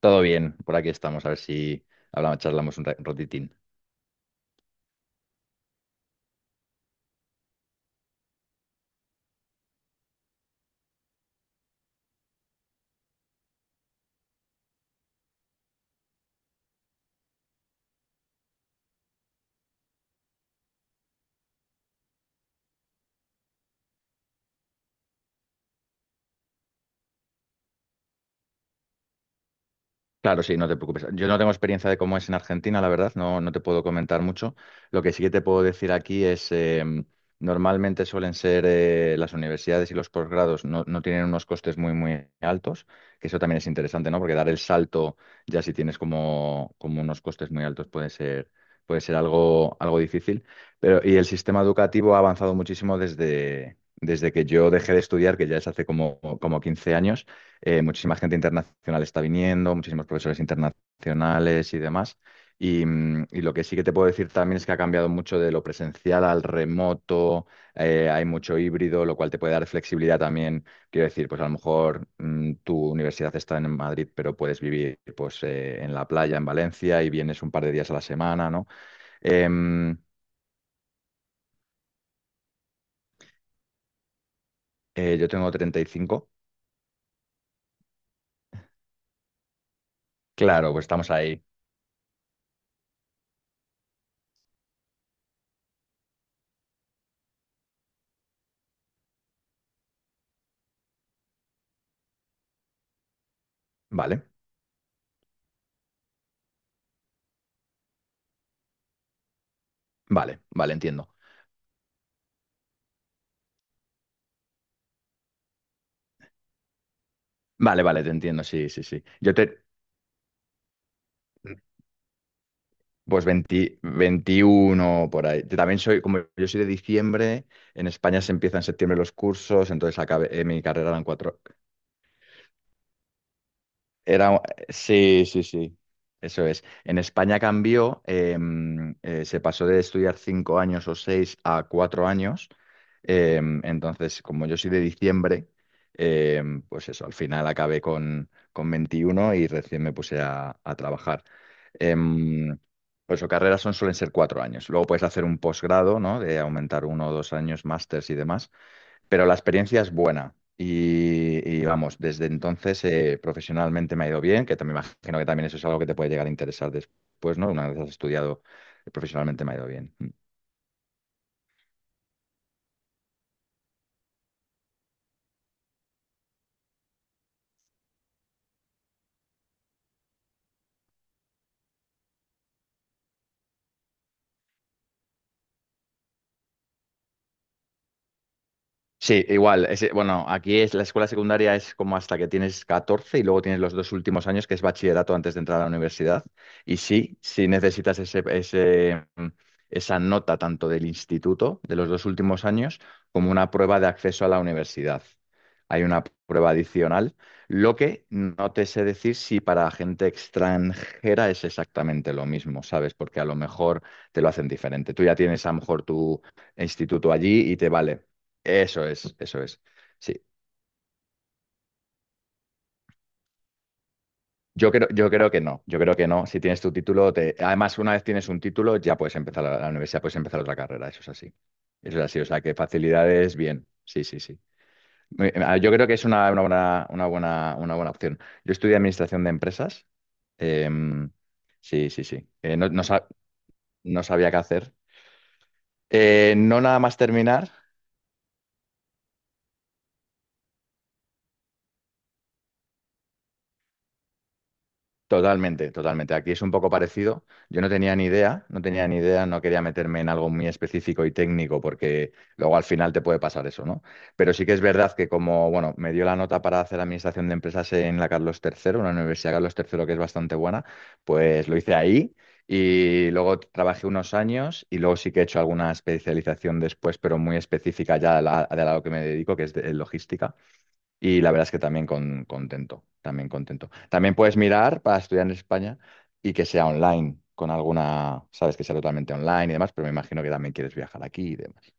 Todo bien, por aquí estamos, a ver si hablamos, charlamos un ratitín. Claro, sí, no te preocupes. Yo no tengo experiencia de cómo es en Argentina, la verdad, no te puedo comentar mucho. Lo que sí que te puedo decir aquí es, normalmente suelen ser las universidades y los posgrados no tienen unos costes muy, muy altos, que eso también es interesante, ¿no? Porque dar el salto, ya si tienes como unos costes muy altos, puede ser algo difícil. Pero, y el sistema educativo ha avanzado muchísimo desde que yo dejé de estudiar, que ya es hace como 15 años. Muchísima gente internacional está viniendo, muchísimos profesores internacionales y demás. Y lo que sí que te puedo decir también es que ha cambiado mucho de lo presencial al remoto. Hay mucho híbrido, lo cual te puede dar flexibilidad también. Quiero decir, pues a lo mejor tu universidad está en Madrid, pero puedes vivir pues, en la playa, en Valencia, y vienes un par de días a la semana, ¿no? Em, yo tengo 35. Claro, pues estamos ahí. Vale, vale, vale, entiendo. Vale, vale, te entiendo, sí, sí, sí. Pues 20 21 por ahí. Yo también soy, como yo soy de diciembre, en España se empiezan en septiembre los cursos, entonces acabé, mi carrera eran cuatro. Era, sí, sí, sí, eso es. En España cambió. Se pasó de estudiar 5 años o seis a 4 años. Entonces, como yo soy de diciembre, eh, pues eso, al final acabé con 21 y recién me puse a trabajar. em, pues o carreras son, suelen ser 4 años. Luego puedes hacer un posgrado, ¿no? De aumentar uno o dos años, másters y demás. Pero la experiencia es buena. Vamos, desde entonces profesionalmente me ha ido bien, que también me imagino que también eso es algo que te puede llegar a interesar después, ¿no? Una vez has estudiado, profesionalmente me ha ido bien. Sí, igual. Bueno, aquí es la escuela secundaria es como hasta que tienes 14 y luego tienes los dos últimos años, que es bachillerato antes de entrar a la universidad. Y sí, sí necesitas ese, esa nota tanto del instituto, de los dos últimos años, como una prueba de acceso a la universidad. Hay una prueba adicional, lo que no te sé decir si para gente extranjera es exactamente lo mismo, ¿sabes? Porque a lo mejor te lo hacen diferente. Tú ya tienes a lo mejor tu instituto allí y te vale. Eso es, eso es. Sí. Yo creo que no. Si tienes tu título, además, una vez tienes un título, ya puedes empezar la universidad, puedes empezar otra carrera, eso es así. Eso es así, o sea, que facilidades, bien. Sí, sí, sí. Ah, yo creo que es una buena opción. Yo estudié administración de empresas. em, sí, sí, sí. No sabía qué hacer. No nada más terminar. Totalmente, totalmente. Aquí es un poco parecido. Yo no tenía ni idea, no tenía ni idea, no quería meterme en algo muy específico y técnico porque luego al final te puede pasar eso, ¿no? Pero sí que es verdad que como, bueno, me dio la nota para hacer administración de empresas en la Carlos III, una universidad Carlos III que es bastante buena, pues lo hice ahí y luego trabajé unos años y luego sí que he hecho alguna especialización después, pero muy específica ya de la, que me dedico, que es en logística. Y la verdad es que también contento, también contento. También puedes mirar para estudiar en España y que sea online, con alguna, sabes, que sea totalmente online y demás, pero me imagino que también quieres viajar aquí y demás.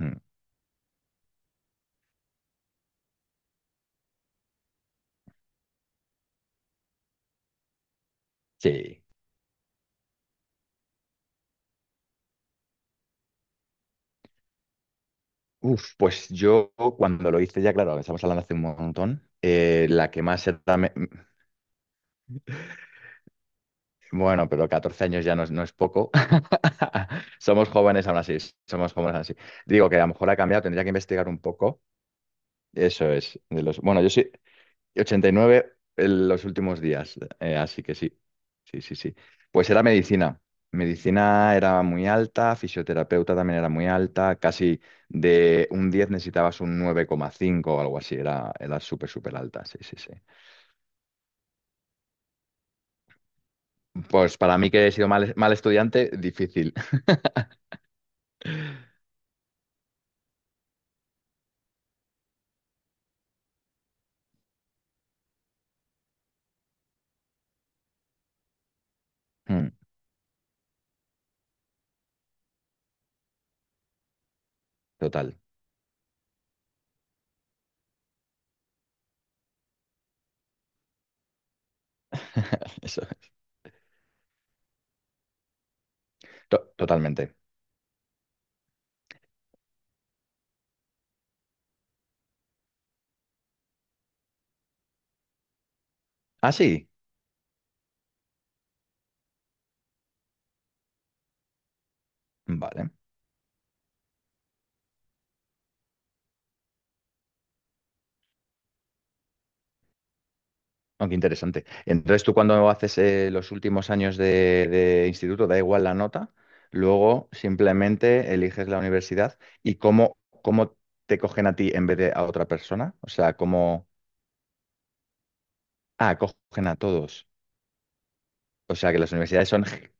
Mm, sí. Uf, pues yo cuando lo hice ya, claro, estamos hablando hace un montón, la que más era. Bueno, pero 14 años ya no es poco. Somos jóvenes aún así, somos jóvenes aún así. Digo que a lo mejor ha cambiado, tendría que investigar un poco. Eso es, de los. Bueno, yo sí. Y 89 en los últimos días. Así que sí, sí, sí, sí. Pues era medicina. Medicina era muy alta, fisioterapeuta también era muy alta, casi de un 10 necesitabas un 9,5 o algo así, era súper, súper alta, sí, sí, sí. Pues para mí que he sido mal, mal estudiante, difícil. Mm, total, eso, totalmente. Ah, sí, vale. Aunque interesante. Entonces, tú cuando haces los últimos años de instituto, da igual la nota, luego simplemente eliges la universidad y cómo te cogen a ti en vez de a otra persona. O sea, cómo. Ah, cogen a todos. O sea, que las universidades son.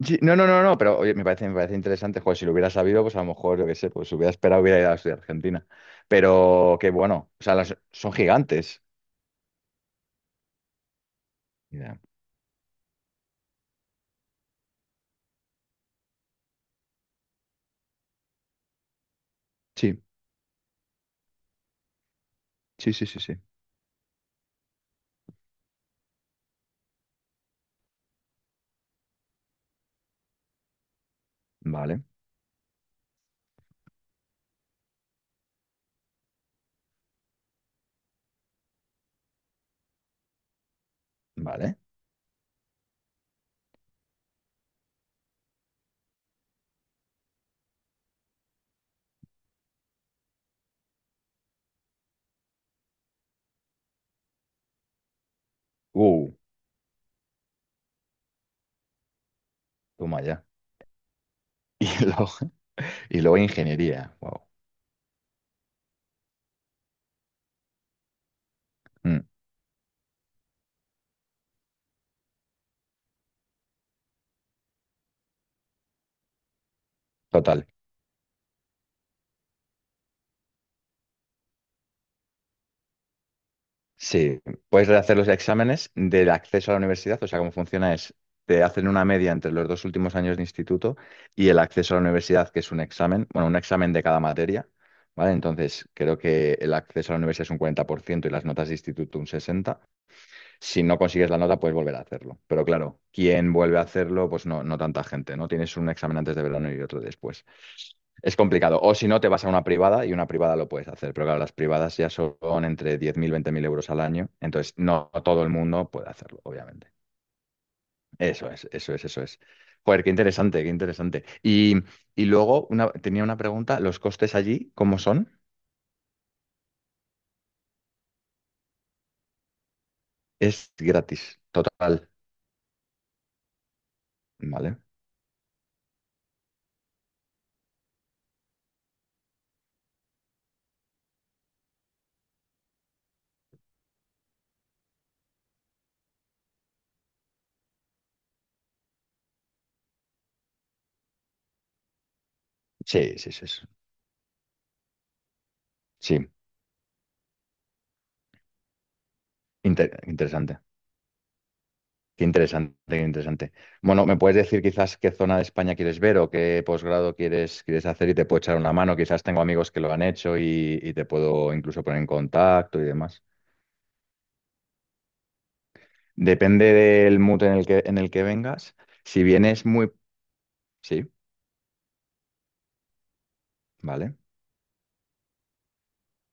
Sí, no, no, no, no, pero oye, me parece interesante. Joder, si lo hubiera sabido, pues a lo mejor, yo qué sé, pues hubiera esperado, hubiera ido a estudiar a Argentina. Pero qué bueno. O sea, son gigantes. Ya. Sí, sí, sí, sí, sí. Vale, vale. Uh, Toma ya. Y luego ingeniería. Wow. Mm, total. Sí, puedes rehacer los exámenes del acceso a la universidad. O sea, cómo funciona es, te hacen una media entre los dos últimos años de instituto y el acceso a la universidad, que es un examen, bueno, un examen de cada materia. ¿Vale? Entonces, creo que el acceso a la universidad es un 40% y las notas de instituto un 60%. Si no consigues la nota, puedes volver a hacerlo. Pero claro, ¿quién vuelve a hacerlo? Pues no tanta gente, ¿no? Tienes un examen antes de verano y otro después. Es complicado. O si no, te vas a una privada y una privada lo puedes hacer. Pero claro, las privadas ya son entre 10.000 20.000 euros al año. Entonces, no todo el mundo puede hacerlo, obviamente. Eso es, eso es, eso es. Joder, qué interesante, qué interesante. Y luego una, tenía una pregunta. ¿Los costes allí, cómo son? Es gratis, total. ¿Vale? Sí, sí, sí. Sí, sí, interesante. Qué interesante, qué interesante. Bueno, ¿me puedes decir quizás qué zona de España quieres ver o qué posgrado quieres hacer y te puedo echar una mano? Quizás tengo amigos que lo han hecho y te puedo incluso poner en contacto y demás. Depende del mood en el que vengas. Si vienes muy. Sí, vale.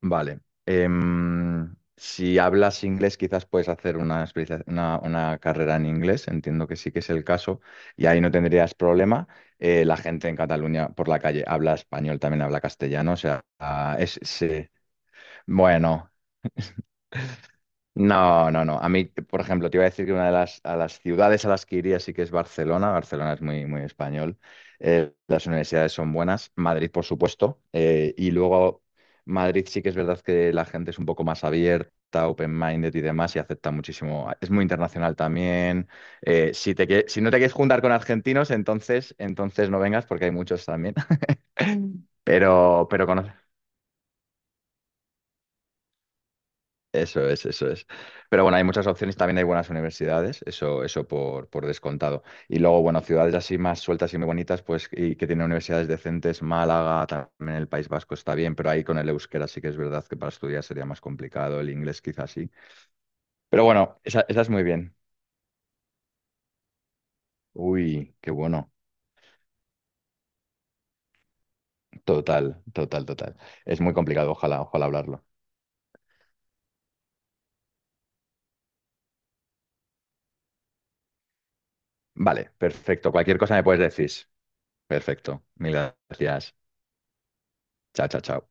Vale. Si hablas inglés, quizás puedes hacer una carrera en inglés, entiendo que sí que es el caso, y ahí no tendrías problema. La gente en Cataluña por la calle habla español, también habla castellano, o sea, ah, es, sí. Bueno. No, no, no. A mí, por ejemplo, te iba a decir que una de las, a las ciudades a las que iría sí que es Barcelona. Barcelona es muy, muy español. Las universidades son buenas. Madrid, por supuesto. Y luego Madrid sí que es verdad que la gente es un poco más abierta, open-minded y demás, y acepta muchísimo. Es muy internacional también. Si te, si no te quieres juntar con argentinos, entonces no vengas porque hay muchos también. Pero conoces. Eso es, eso es. Pero bueno, hay muchas opciones, también hay buenas universidades, eso por descontado. Y luego, bueno, ciudades así más sueltas y muy bonitas, pues, y que tienen universidades decentes, Málaga, también el País Vasco está bien, pero ahí con el euskera sí que es verdad que para estudiar sería más complicado, el inglés quizás sí. Pero bueno, esa es muy bien. Uy, qué bueno. Total, total, total. Es muy complicado, ojalá, ojalá hablarlo. Vale, perfecto. Cualquier cosa me puedes decir. Perfecto. Mil gracias. Chao, chao, chao.